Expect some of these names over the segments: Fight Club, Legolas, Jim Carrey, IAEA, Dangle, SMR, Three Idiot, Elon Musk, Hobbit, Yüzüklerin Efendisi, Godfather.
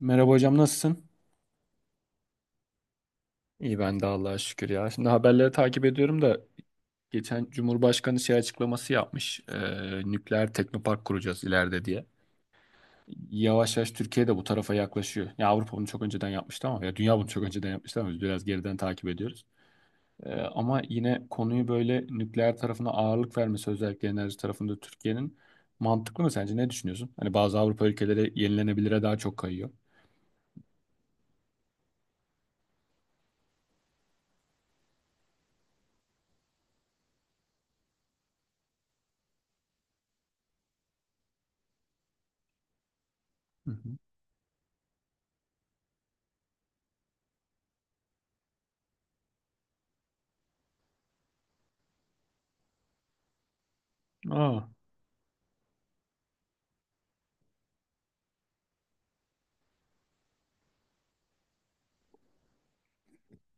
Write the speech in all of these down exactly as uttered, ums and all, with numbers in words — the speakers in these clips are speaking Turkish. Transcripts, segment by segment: Merhaba hocam, nasılsın? İyi, ben de Allah'a şükür ya. Şimdi haberleri takip ediyorum da geçen Cumhurbaşkanı şey açıklaması yapmış. Eee nükleer teknopark kuracağız ileride diye. Yavaş yavaş Türkiye de bu tarafa yaklaşıyor. Ya Avrupa bunu çok önceden yapmıştı ama ya dünya bunu çok önceden yapmıştı ama biz biraz geriden takip ediyoruz. Eee, ama yine konuyu böyle nükleer tarafına ağırlık vermesi, özellikle enerji tarafında Türkiye'nin, mantıklı mı sence? Ne düşünüyorsun? Hani bazı Avrupa ülkeleri yenilenebilire daha çok kayıyor. Hı hı. Aa.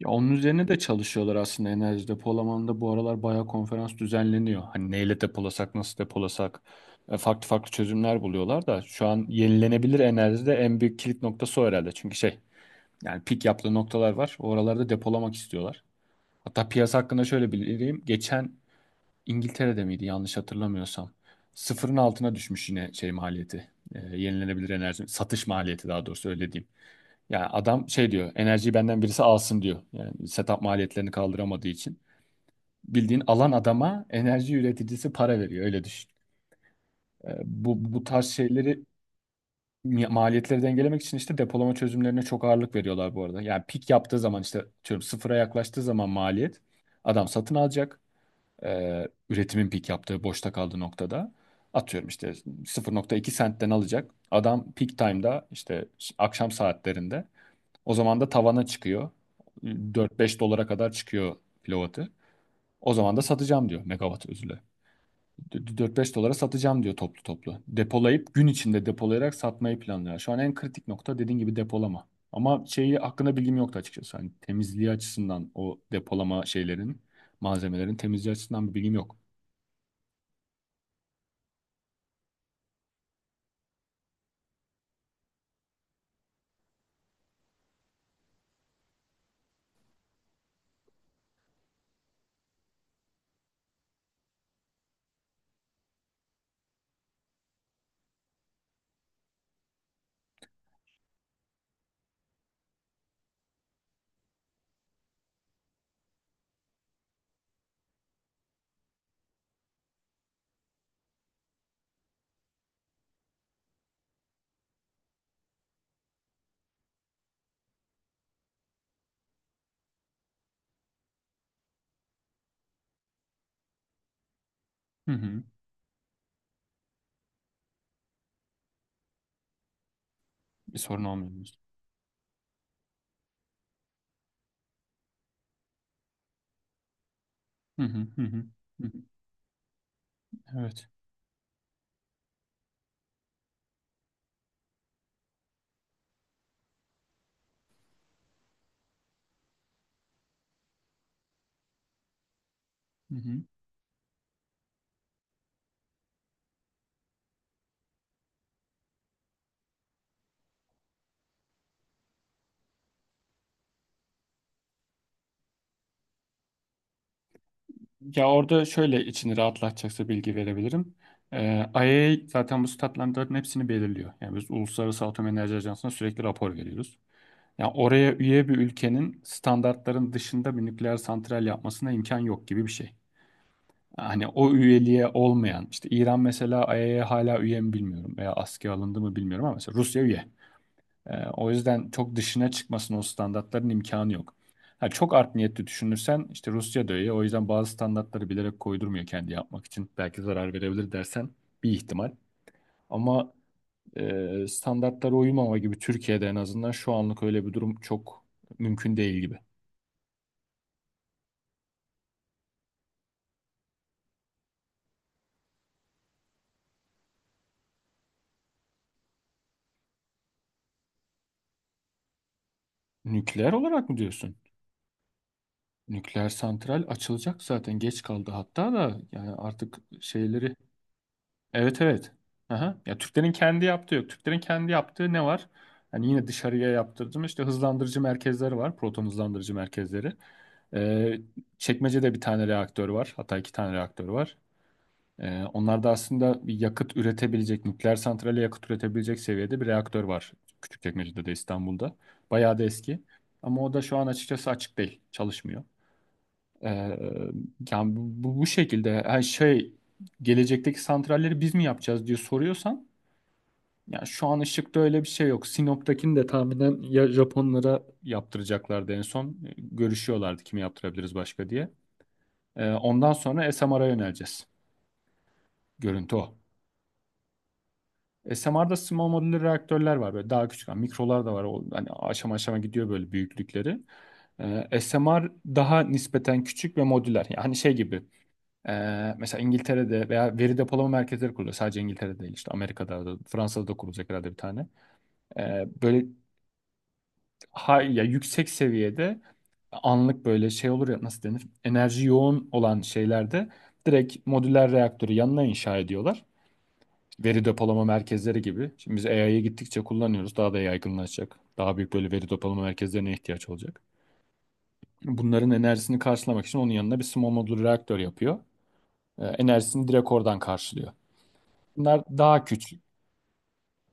Ya onun üzerine de çalışıyorlar aslında, enerji depolamanda bu aralar bayağı konferans düzenleniyor. Hani neyle depolasak, nasıl depolasak, e, farklı farklı çözümler buluyorlar da şu an yenilenebilir enerjide en büyük kilit noktası o herhalde. Çünkü şey, yani pik yaptığı noktalar var. Oralarda depolamak istiyorlar. Hatta piyasa hakkında şöyle bildireyim. Geçen İngiltere'de miydi, yanlış hatırlamıyorsam. Sıfırın altına düşmüş yine şey maliyeti. E, yenilenebilir enerji satış maliyeti, daha doğrusu öyle diyeyim. Yani adam şey diyor, enerjiyi benden birisi alsın diyor. Yani setup maliyetlerini kaldıramadığı için. Bildiğin alan, adama enerji üreticisi para veriyor, öyle düşün. Ee, Bu, bu tarz şeyleri, mi- maliyetleri dengelemek için işte depolama çözümlerine çok ağırlık veriyorlar bu arada. Yani pik yaptığı zaman, işte diyorum, sıfıra yaklaştığı zaman maliyet, adam satın alacak. Ee, üretimin pik yaptığı, boşta kaldığı noktada atıyorum işte sıfır nokta iki sentten alacak. Adam peak time'da, işte akşam saatlerinde, o zaman da tavana çıkıyor. Dört beş dolara kadar çıkıyor kilovatı. O zaman da satacağım diyor, megawatt, özür dilerim. D- dört beş dolara satacağım diyor toplu toplu. Depolayıp, gün içinde depolayarak satmayı planlıyor. Şu an en kritik nokta, dediğin gibi, depolama. Ama şeyi hakkında bilgim yoktu açıkçası. Hani temizliği açısından, o depolama şeylerin, malzemelerin temizliği açısından bir bilgim yok. Hı hı. Bir sorun olmuyor, diyorsun. Hı hı, hı hı. Hı hı. Evet. Hı hı. Ya orada şöyle, içini rahatlatacaksa bilgi verebilirim. Ee, I A E A zaten bu statlandırların hepsini belirliyor. Yani biz Uluslararası Atom Enerji Ajansı'na sürekli rapor veriyoruz. Yani oraya üye bir ülkenin standartların dışında bir nükleer santral yapmasına imkan yok gibi bir şey. Hani o üyeliğe olmayan, işte İran mesela, I A E A hala üye mi bilmiyorum veya askıya alındı mı bilmiyorum, ama mesela Rusya üye. Ee, o yüzden çok dışına çıkmasının, o standartların, imkanı yok. Ha, çok art niyetli düşünürsen, işte Rusya da öyle. O yüzden bazı standartları bilerek koydurmuyor kendi yapmak için. Belki zarar verebilir dersen, bir ihtimal. Ama e, standartlara uymama gibi Türkiye'de en azından şu anlık öyle bir durum çok mümkün değil gibi. Nükleer olarak mı diyorsun? Nükleer santral açılacak, zaten geç kaldı hatta da, yani artık şeyleri. Evet, evet. Aha. Ya Türklerin kendi yaptığı yok. Türklerin kendi yaptığı ne var? Hani yine dışarıya yaptırdım. İşte hızlandırıcı merkezleri var. Proton hızlandırıcı merkezleri. Ee, Çekmece'de bir tane reaktör var. Hatta iki tane reaktör var. Ee, onlarda aslında bir yakıt üretebilecek, nükleer santrale yakıt üretebilecek seviyede bir reaktör var. Küçükçekmece'de de, İstanbul'da. Bayağı da eski. Ama o da şu an açıkçası açık değil. Çalışmıyor. Ee, yani bu, bu, bu şekilde, yani şey, gelecekteki santralleri biz mi yapacağız diye soruyorsan, yani şu an Işık'ta öyle bir şey yok. Sinop'takini de tahminen ya Japonlara yaptıracaklardı en son. E, Görüşüyorlardı kimi yaptırabiliriz başka diye. Ee, ondan sonra S M R'a yöneleceğiz. Görüntü o. S M R'da small modular reaktörler var. Böyle daha küçük, yani mikrolar da var. O hani aşama aşama gidiyor böyle büyüklükleri. Ee, S M R daha nispeten küçük ve modüler. Yani hani şey gibi. Ee, mesela İngiltere'de veya veri depolama merkezleri kuruluyor. Sadece İngiltere'de değil, işte Amerika'da da Fransa'da da kurulacak herhalde bir tane. Ee, böyle ha, ya yüksek seviyede anlık böyle şey olur ya, nasıl denir? Enerji yoğun olan şeylerde direkt modüler reaktörü yanına inşa ediyorlar. Veri depolama merkezleri gibi. Şimdi biz A I'ye gittikçe kullanıyoruz. Daha da yaygınlaşacak. Daha büyük böyle veri depolama merkezlerine ihtiyaç olacak. Bunların enerjisini karşılamak için onun yanına bir small modül reaktör yapıyor. Ee, enerjisini direkt oradan karşılıyor. Bunlar daha küçük.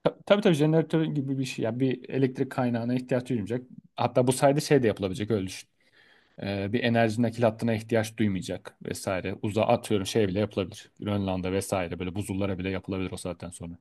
Ta- Tabii tabii jeneratör gibi bir şey. Yani bir elektrik kaynağına ihtiyaç duymayacak. Hatta bu sayede şey de yapılabilecek, öyle düşün. Ee, bir enerji nakil hattına ihtiyaç duymayacak vesaire. Uzağa atıyorum, şey bile yapılabilir. Grönland'a vesaire, böyle buzullara bile yapılabilir o saatten sonra.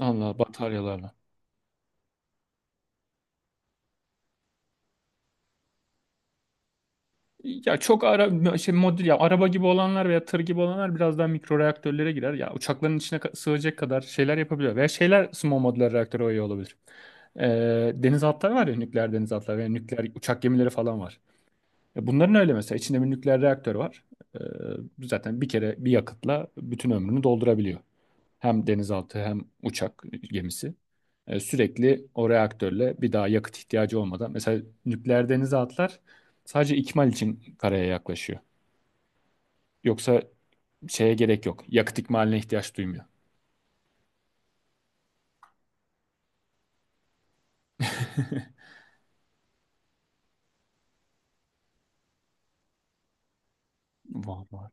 Allah bataryalarla. Ya çok ara şey, modül ya araba gibi olanlar veya tır gibi olanlar biraz daha mikro reaktörlere girer. Ya uçakların içine ka- sığacak kadar şeyler yapabiliyor. Veya şeyler, small modular reaktörü oyu olabilir. Ee, denizaltılar var ya, nükleer denizaltılar veya nükleer uçak gemileri falan var. Ya bunların öyle mesela içinde bir nükleer reaktör var. Ee, zaten bir kere bir yakıtla bütün ömrünü doldurabiliyor. Hem denizaltı hem uçak gemisi. E, sürekli o reaktörle, bir daha yakıt ihtiyacı olmadan. Mesela nükleer denizaltılar sadece ikmal için karaya yaklaşıyor. Yoksa şeye gerek yok. Yakıt ikmaline ihtiyaç duymuyor. Vallahi.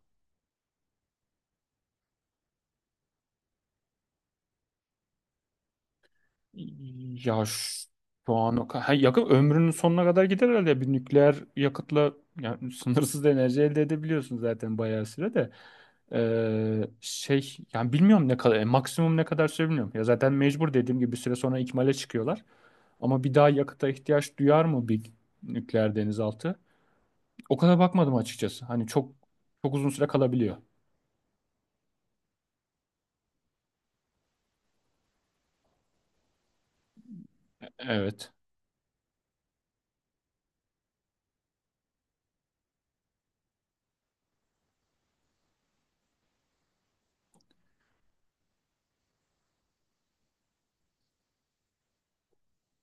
Ya ş- şu an o ka- ha, yakın ömrünün sonuna kadar gider herhalde. Bir nükleer yakıtla, yani sınırsız enerji elde edebiliyorsun zaten bayağı süre de. Ee, şey yani, bilmiyorum ne kadar, e, maksimum ne kadar süre bilmiyorum. Ya zaten, mecbur dediğim gibi, bir süre sonra ikmale çıkıyorlar. Ama bir daha yakıta ihtiyaç duyar mı bir nükleer denizaltı? O kadar bakmadım açıkçası. Hani çok çok uzun süre kalabiliyor. Evet.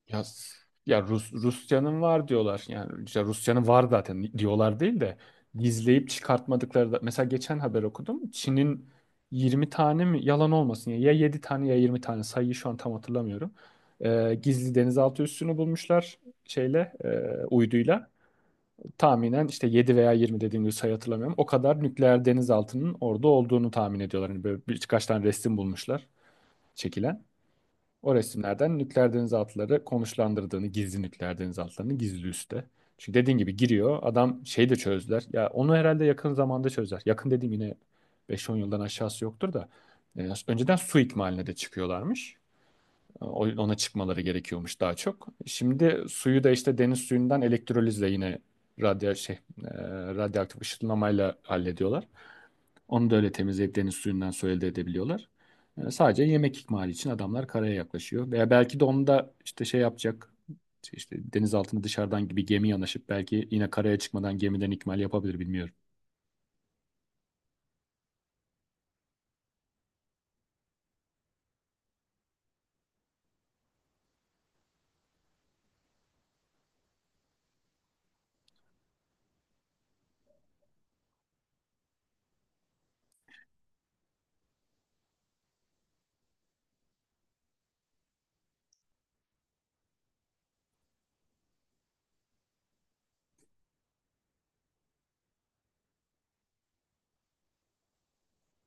Ya, ya Rus, Rusya'nın var diyorlar. Yani işte Rusya'nın var zaten diyorlar değil de, gizleyip çıkartmadıkları da. Mesela geçen haber okudum. Çin'in yirmi tane mi, yalan olmasın ya, ya yedi tane ya yirmi tane, sayıyı şu an tam hatırlamıyorum. Ee, gizli denizaltı üssünü bulmuşlar şeyle, e, uyduyla. Tahminen işte yedi veya yirmi, dediğim gibi sayı hatırlamıyorum. O kadar nükleer denizaltının orada olduğunu tahmin ediyorlar. Hani böyle birkaç tane resim bulmuşlar çekilen. O resimlerden nükleer denizaltıları konuşlandırdığını, gizli nükleer denizaltılarını gizli üste. Çünkü dediğin gibi giriyor. Adam şeyi de çözdüler. Ya onu herhalde yakın zamanda çözler. Yakın dediğim yine beş on yıldan aşağısı yoktur da. E, önceden su ikmaline de çıkıyorlarmış. E, o- Ona çıkmaları gerekiyormuş daha çok. Şimdi suyu da işte deniz suyundan elektrolizle yine radyo şey, e, radyoaktif ışınlamayla hallediyorlar. Onu da öyle temizleyip deniz suyundan su elde edebiliyorlar. E, sadece yemek ikmali için adamlar karaya yaklaşıyor. Veya belki de onu da işte şey yapacak, işte deniz altına dışarıdan gibi gemi yanaşıp belki yine karaya çıkmadan gemiden ikmal yapabilir, bilmiyorum.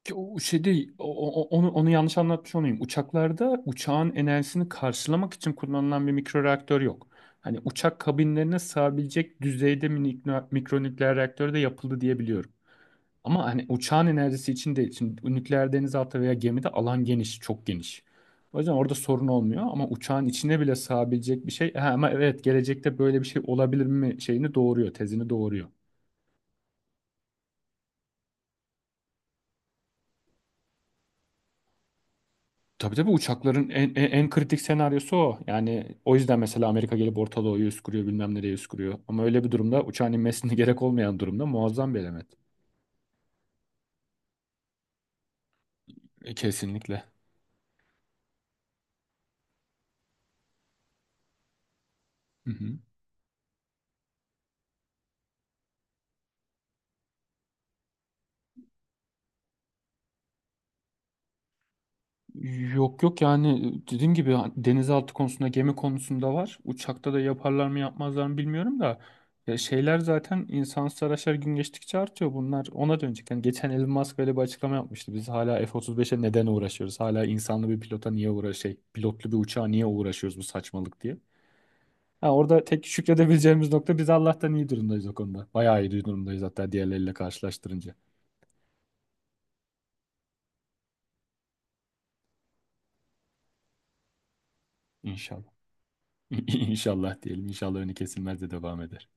Ki o şey değil, o- o- onu, onu yanlış anlatmış olayım. Uçaklarda, uçağın enerjisini karşılamak için kullanılan bir mikroreaktör yok. Hani uçak kabinlerine sığabilecek düzeyde minik, mikronükleer reaktör de yapıldı diye biliyorum. Ama hani uçağın enerjisi için değil. Şimdi nükleer denizaltı veya gemide alan geniş, çok geniş. O yüzden orada sorun olmuyor ama uçağın içine bile sığabilecek bir şey. Ha, ama evet, gelecekte böyle bir şey olabilir mi şeyini doğuruyor, tezini doğuruyor. Tabii tabii, uçakların en, en, en kritik senaryosu o. Yani o yüzden mesela Amerika gelip Orta Doğu'yu üst kuruyor, bilmem nereye üst kuruyor. Ama öyle bir durumda, uçağın inmesine gerek olmayan durumda, muazzam bir element. E, kesinlikle. Hı hı. Yok yok, yani dediğim gibi hani, denizaltı konusunda, gemi konusunda var. Uçakta da yaparlar mı yapmazlar mı bilmiyorum da, ya şeyler, zaten insansız araçlar gün geçtikçe artıyor, bunlar ona dönecek. Yani geçen Elon Musk böyle bir açıklama yapmıştı. Biz hala F otuz beşe neden uğraşıyoruz? Hala insanlı bir pilota niye uğra şey pilotlu bir uçağa niye uğraşıyoruz, bu saçmalık, diye. Ha, orada tek şükredebileceğimiz nokta, biz Allah'tan iyi durumdayız o konuda. Bayağı iyi durumdayız hatta, diğerleriyle karşılaştırınca. İnşallah. İnşallah diyelim. İnşallah önü kesilmez de devam eder.